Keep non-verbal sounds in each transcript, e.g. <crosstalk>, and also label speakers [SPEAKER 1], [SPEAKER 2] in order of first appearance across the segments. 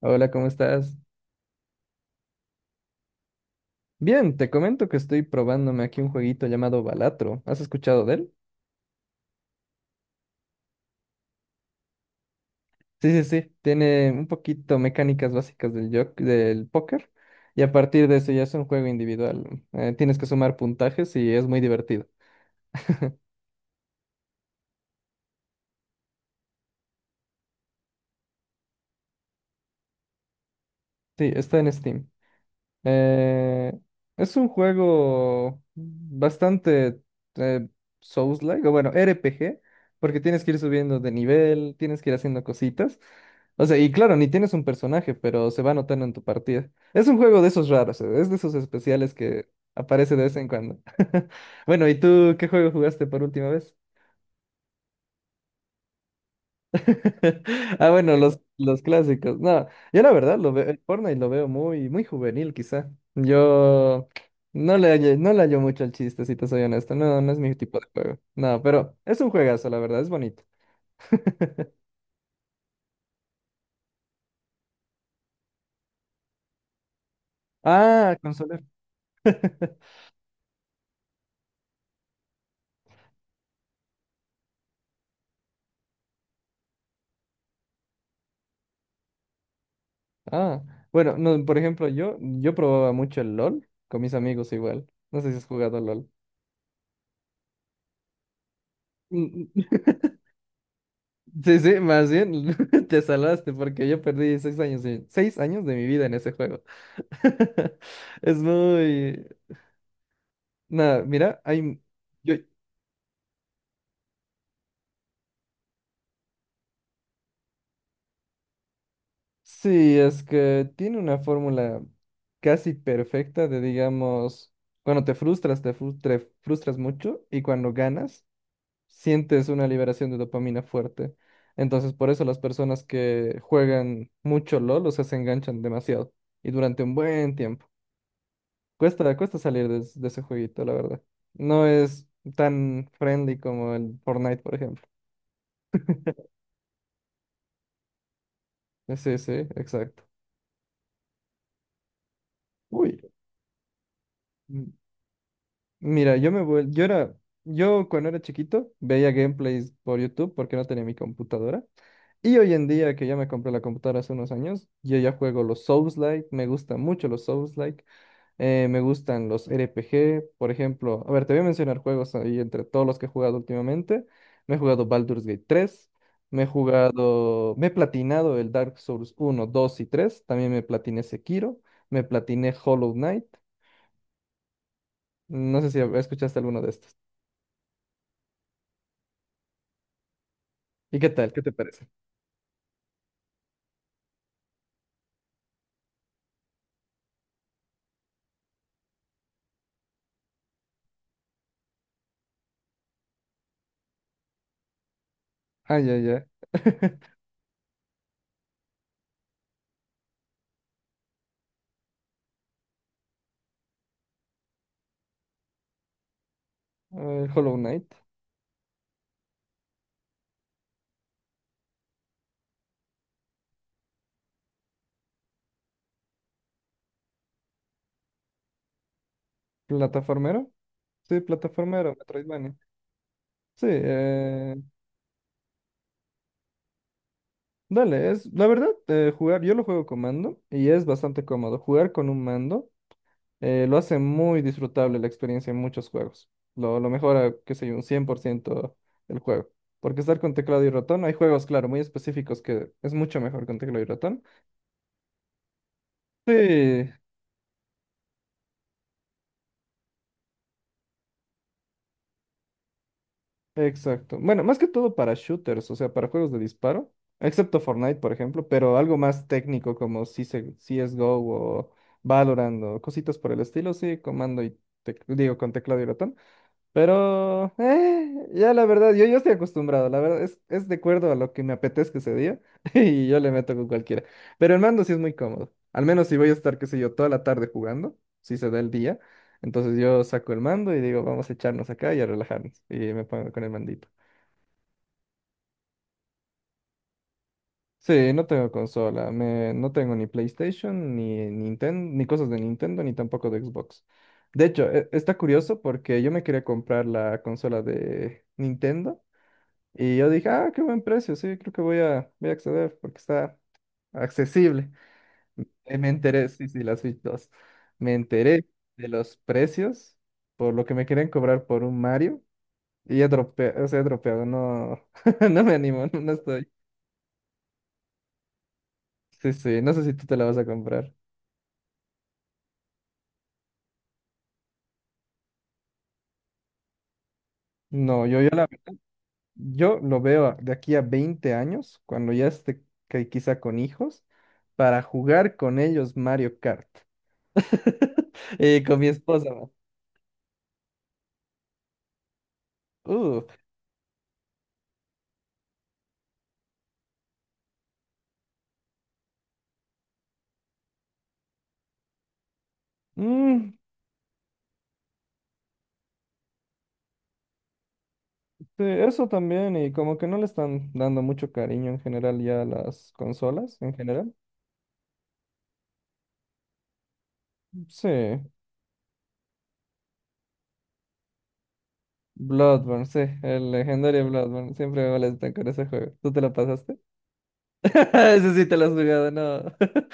[SPEAKER 1] Hola, ¿cómo estás? Bien, te comento que estoy probándome aquí un jueguito llamado Balatro. ¿Has escuchado de él? Sí, sí, sí. Tiene un poquito mecánicas básicas del póker y a partir de eso ya es un juego individual. Tienes que sumar puntajes y es muy divertido. Sí, está en Steam. Eh, es un juego bastante eh, Souls-like, o bueno, RPG, porque tienes que ir subiendo de nivel, tienes que ir haciendo cositas. O sea, y claro, ni tienes un personaje, pero se va notando en tu partida. Es un juego de esos raros, es de esos especiales que aparece de vez en cuando. <laughs> Bueno, ¿y tú qué juego jugaste por última vez? <laughs> Ah, bueno, los clásicos. No, yo la verdad lo veo, el Fortnite lo veo muy, muy juvenil quizá. Yo no le hallo mucho al chiste, si te soy honesto. No, no es mi tipo de juego. No, pero es un juegazo, la verdad, es bonito. <laughs> Ah, consola. <laughs> Ah, bueno, no, por ejemplo, yo probaba mucho el LOL con mis amigos igual. No sé si has jugado LOL. Mm, mm. Mm. Sí, sí, más bien <laughs> te salvaste porque yo perdí seis años de mi vida en ese juego. <laughs> Es muy... Nada, mira, hay... Yo... Sí, es que tiene una fórmula casi perfecta de, digamos, cuando te frustras, te frustras mucho y cuando ganas, sientes una liberación de dopamina fuerte. Entonces, por eso las personas que juegan mucho LOL, o sea, se enganchan demasiado y durante un buen tiempo. Cuesta salir de ese jueguito, la verdad. No es tan friendly como el Fortnite, por ejemplo. Sí, sí, exacto. Uy, m- mira, yo me vuel- yo era, yo cuando era chiquito veía gameplays por YouTube porque no tenía mi computadora. Y hoy en día que ya me compré la computadora hace unos años, yo ya juego los Souls-like, me gustan mucho los Souls-like, me gustan los RPG, por ejemplo, a ver, te voy a mencionar juegos ahí entre todos los que he jugado últimamente. Me he jugado Baldur's Gate 3, me he platinado el Dark Souls 1, 2 y 3. También me platiné Sekiro, me platiné Hollow Knight. No sé si escuchaste alguno de estos. ¿Y qué tal? ¿Qué te parece? Ah, ya, ya. <laughs> A ver, Hollow Knight. ¿Plataformero? Sí, plataformero, Metroidvania. Sí, dale, es la verdad, jugar, yo lo juego con mando y es bastante cómodo. Jugar con un mando lo hace muy disfrutable la experiencia en muchos juegos. Lo mejora, qué sé yo, un 100% el juego. Porque estar con teclado y ratón, hay juegos, claro, muy específicos que es mucho mejor con teclado y ratón. Sí, exacto. Bueno, más que todo para shooters, o sea, para juegos de disparo, excepto Fortnite, por ejemplo, pero algo más técnico como CS, CSGO o Valorant o cositas por el estilo, sí, comando y digo, con teclado y ratón. Pero, ya la verdad, yo estoy acostumbrado, la verdad, es de acuerdo a lo que me apetezca ese día <laughs> y yo le meto con cualquiera. Pero el mando sí es muy cómodo, al menos si voy a estar, qué sé yo, toda la tarde jugando, si se da el día, entonces yo saco el mando y digo, vamos a echarnos acá y a relajarnos y me pongo con el mandito. Sí, no tengo consola, no tengo ni PlayStation, ni Nintendo, ni cosas de Nintendo, ni tampoco de Xbox. De hecho, está curioso porque yo me quería comprar la consola de Nintendo. Y yo dije, ah, qué buen precio, sí, creo que voy a acceder porque está accesible. Me enteré, sí, sí, la Switch 2. Me enteré de los precios por lo que me querían cobrar por un Mario y he dropeado, o sea, he dropeado, no, <laughs> no me animo, no, no estoy. Sí, sí, no sé si tú te la vas a comprar. No, yo lo veo de aquí a 20 años, cuando ya esté que quizá con hijos, para jugar con ellos Mario Kart. <laughs> Y con mi esposa, ¿no? Mm, sí, eso también, y como que no le están dando mucho cariño en general ya a las consolas, en general. Sí, Bloodborne, sí, el legendario Bloodborne, siempre me molesta con ese juego. ¿Tú te lo pasaste? <laughs> Ese sí te lo has jugado, no. <laughs>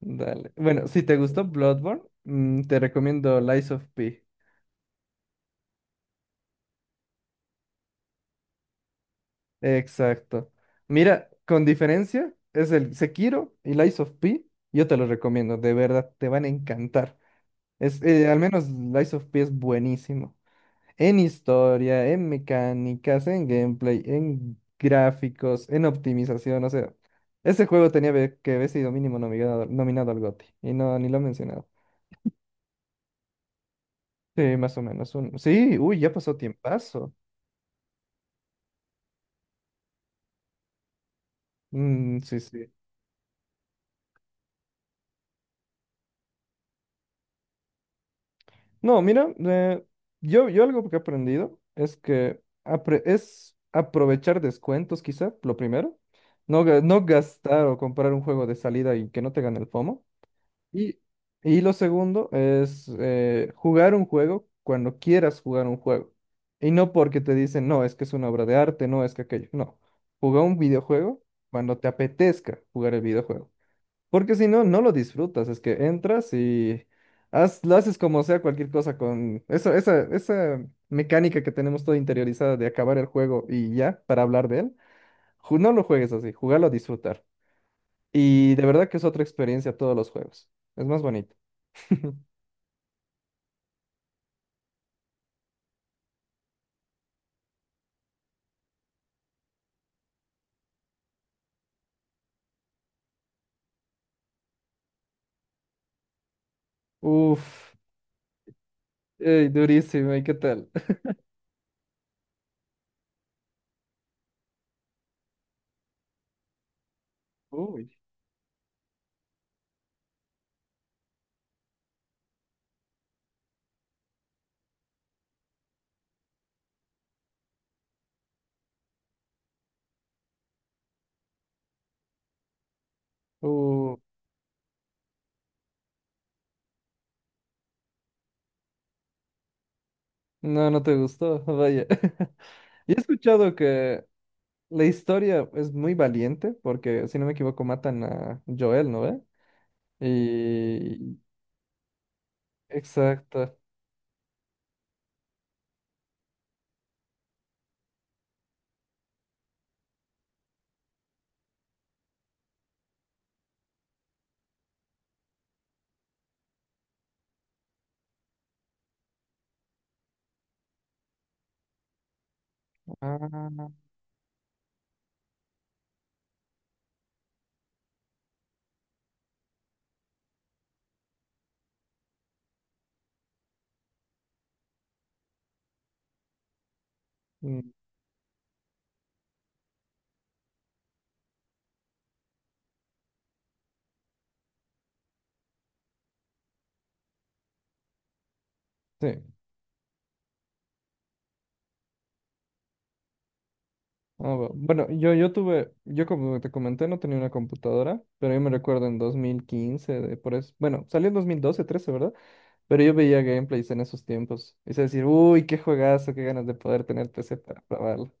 [SPEAKER 1] Dale. Bueno, si te gustó Bloodborne, te recomiendo Lies of P. Exacto. Mira, con diferencia, es el Sekiro y Lies of P, yo te lo recomiendo, de verdad, te van a encantar. Al menos Lies of P es buenísimo en historia, en mecánicas, en gameplay, en gráficos, en optimización. O sea, ese juego tenía que haber sido mínimo nominado, al GOTY y no, ni lo he mencionado. Sí, más o menos. Sí, uy, ya pasó tiempazo. Mm, sí, sí. No, mira, yo algo que he aprendido es que es aprovechar descuentos, quizá, lo primero. No, no gastar o comprar un juego de salida y que no te gane el FOMO. Y, y lo segundo es jugar un juego cuando quieras jugar un juego. Y no porque te dicen, no, es que es una obra de arte, no, es que aquello. No, juega un videojuego cuando te apetezca jugar el videojuego. Porque si no, no lo disfrutas. Es que entras y lo haces como sea cualquier cosa con eso, esa mecánica que tenemos toda interiorizada de acabar el juego y ya, para hablar de él. No lo juegues así, jugalo a disfrutar. Y de verdad que es otra experiencia todos los juegos. Es más bonito. Uf, ey, durísimo, ¿y qué tal? <laughs> Uy. Uh, no, no te gustó, <laughs> vaya. <laughs> Y he escuchado que la historia es muy valiente, porque si no me equivoco, matan a Joel, ¿no ve? Y. Exacto. Ah, mm, sí. Ah, bueno, yo como te comenté, no tenía una computadora, pero yo me recuerdo en 2015, de por eso, bueno, salió en 2012, 13, ¿verdad? Pero yo veía gameplays en esos tiempos. Y se decir, uy, qué juegazo, qué ganas de poder tener PC para probarlo.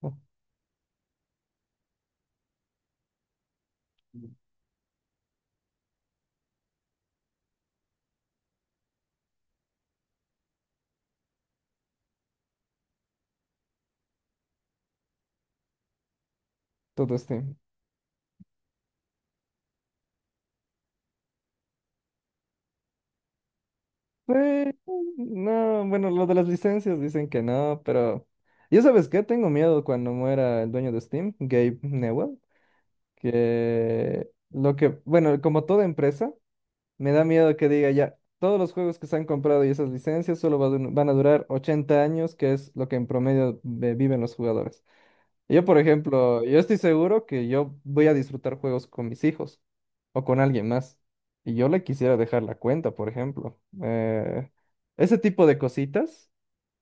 [SPEAKER 1] ¿No? Todo Steam. Eh, no, bueno, lo de las licencias dicen que no, pero. Yo sabes qué, tengo miedo cuando muera el dueño de Steam, Gabe Newell, bueno, como toda empresa, me da miedo que diga ya, todos los juegos que se han comprado y esas licencias solo van a durar 80 años, que es lo que en promedio viven los jugadores. Yo, por ejemplo, yo estoy seguro que yo voy a disfrutar juegos con mis hijos o con alguien más. Y yo le quisiera dejar la cuenta, por ejemplo. Ese tipo de cositas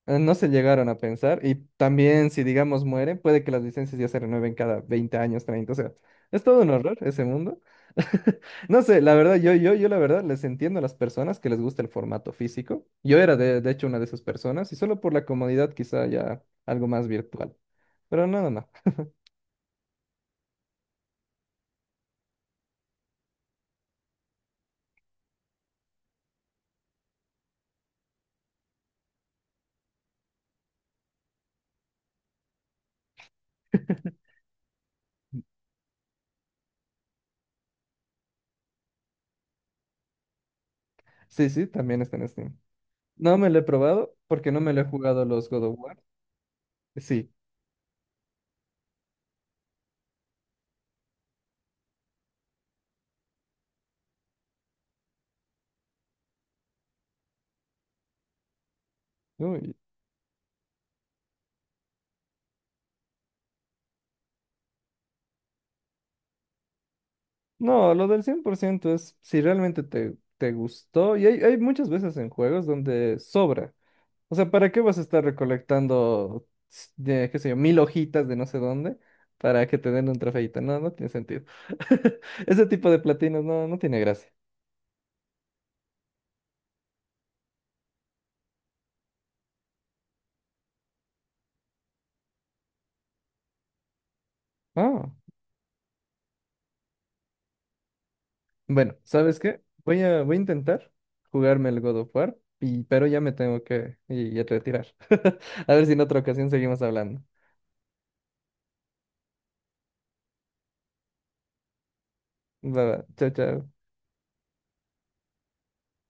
[SPEAKER 1] no se llegaron a pensar. Y también, si digamos muere puede que las licencias ya se renueven cada 20 años, 30. O sea, es todo un horror ese mundo. <laughs> No sé, la verdad, yo la verdad les entiendo a las personas que les gusta el formato físico. Yo era de hecho una de esas personas y solo por la comodidad quizá ya algo más virtual. Pero no, no, no. Sí, sí, también está en Steam. No me lo he probado porque no me lo he jugado los God of War. Sí. Uy. No, lo del 100% es si realmente te gustó. Y hay muchas veces en juegos donde sobra. O sea, ¿para qué vas a estar recolectando, de, qué sé yo, mil hojitas de no sé dónde para que te den un trofeito? No, no tiene sentido. <laughs> Ese tipo de platinos no tiene gracia. Ah. Bueno, ¿sabes qué? Voy a intentar jugarme el God of War, pero ya me tengo que ir a retirar. <laughs> A ver si en otra ocasión seguimos hablando. Va, va. Chao, chao.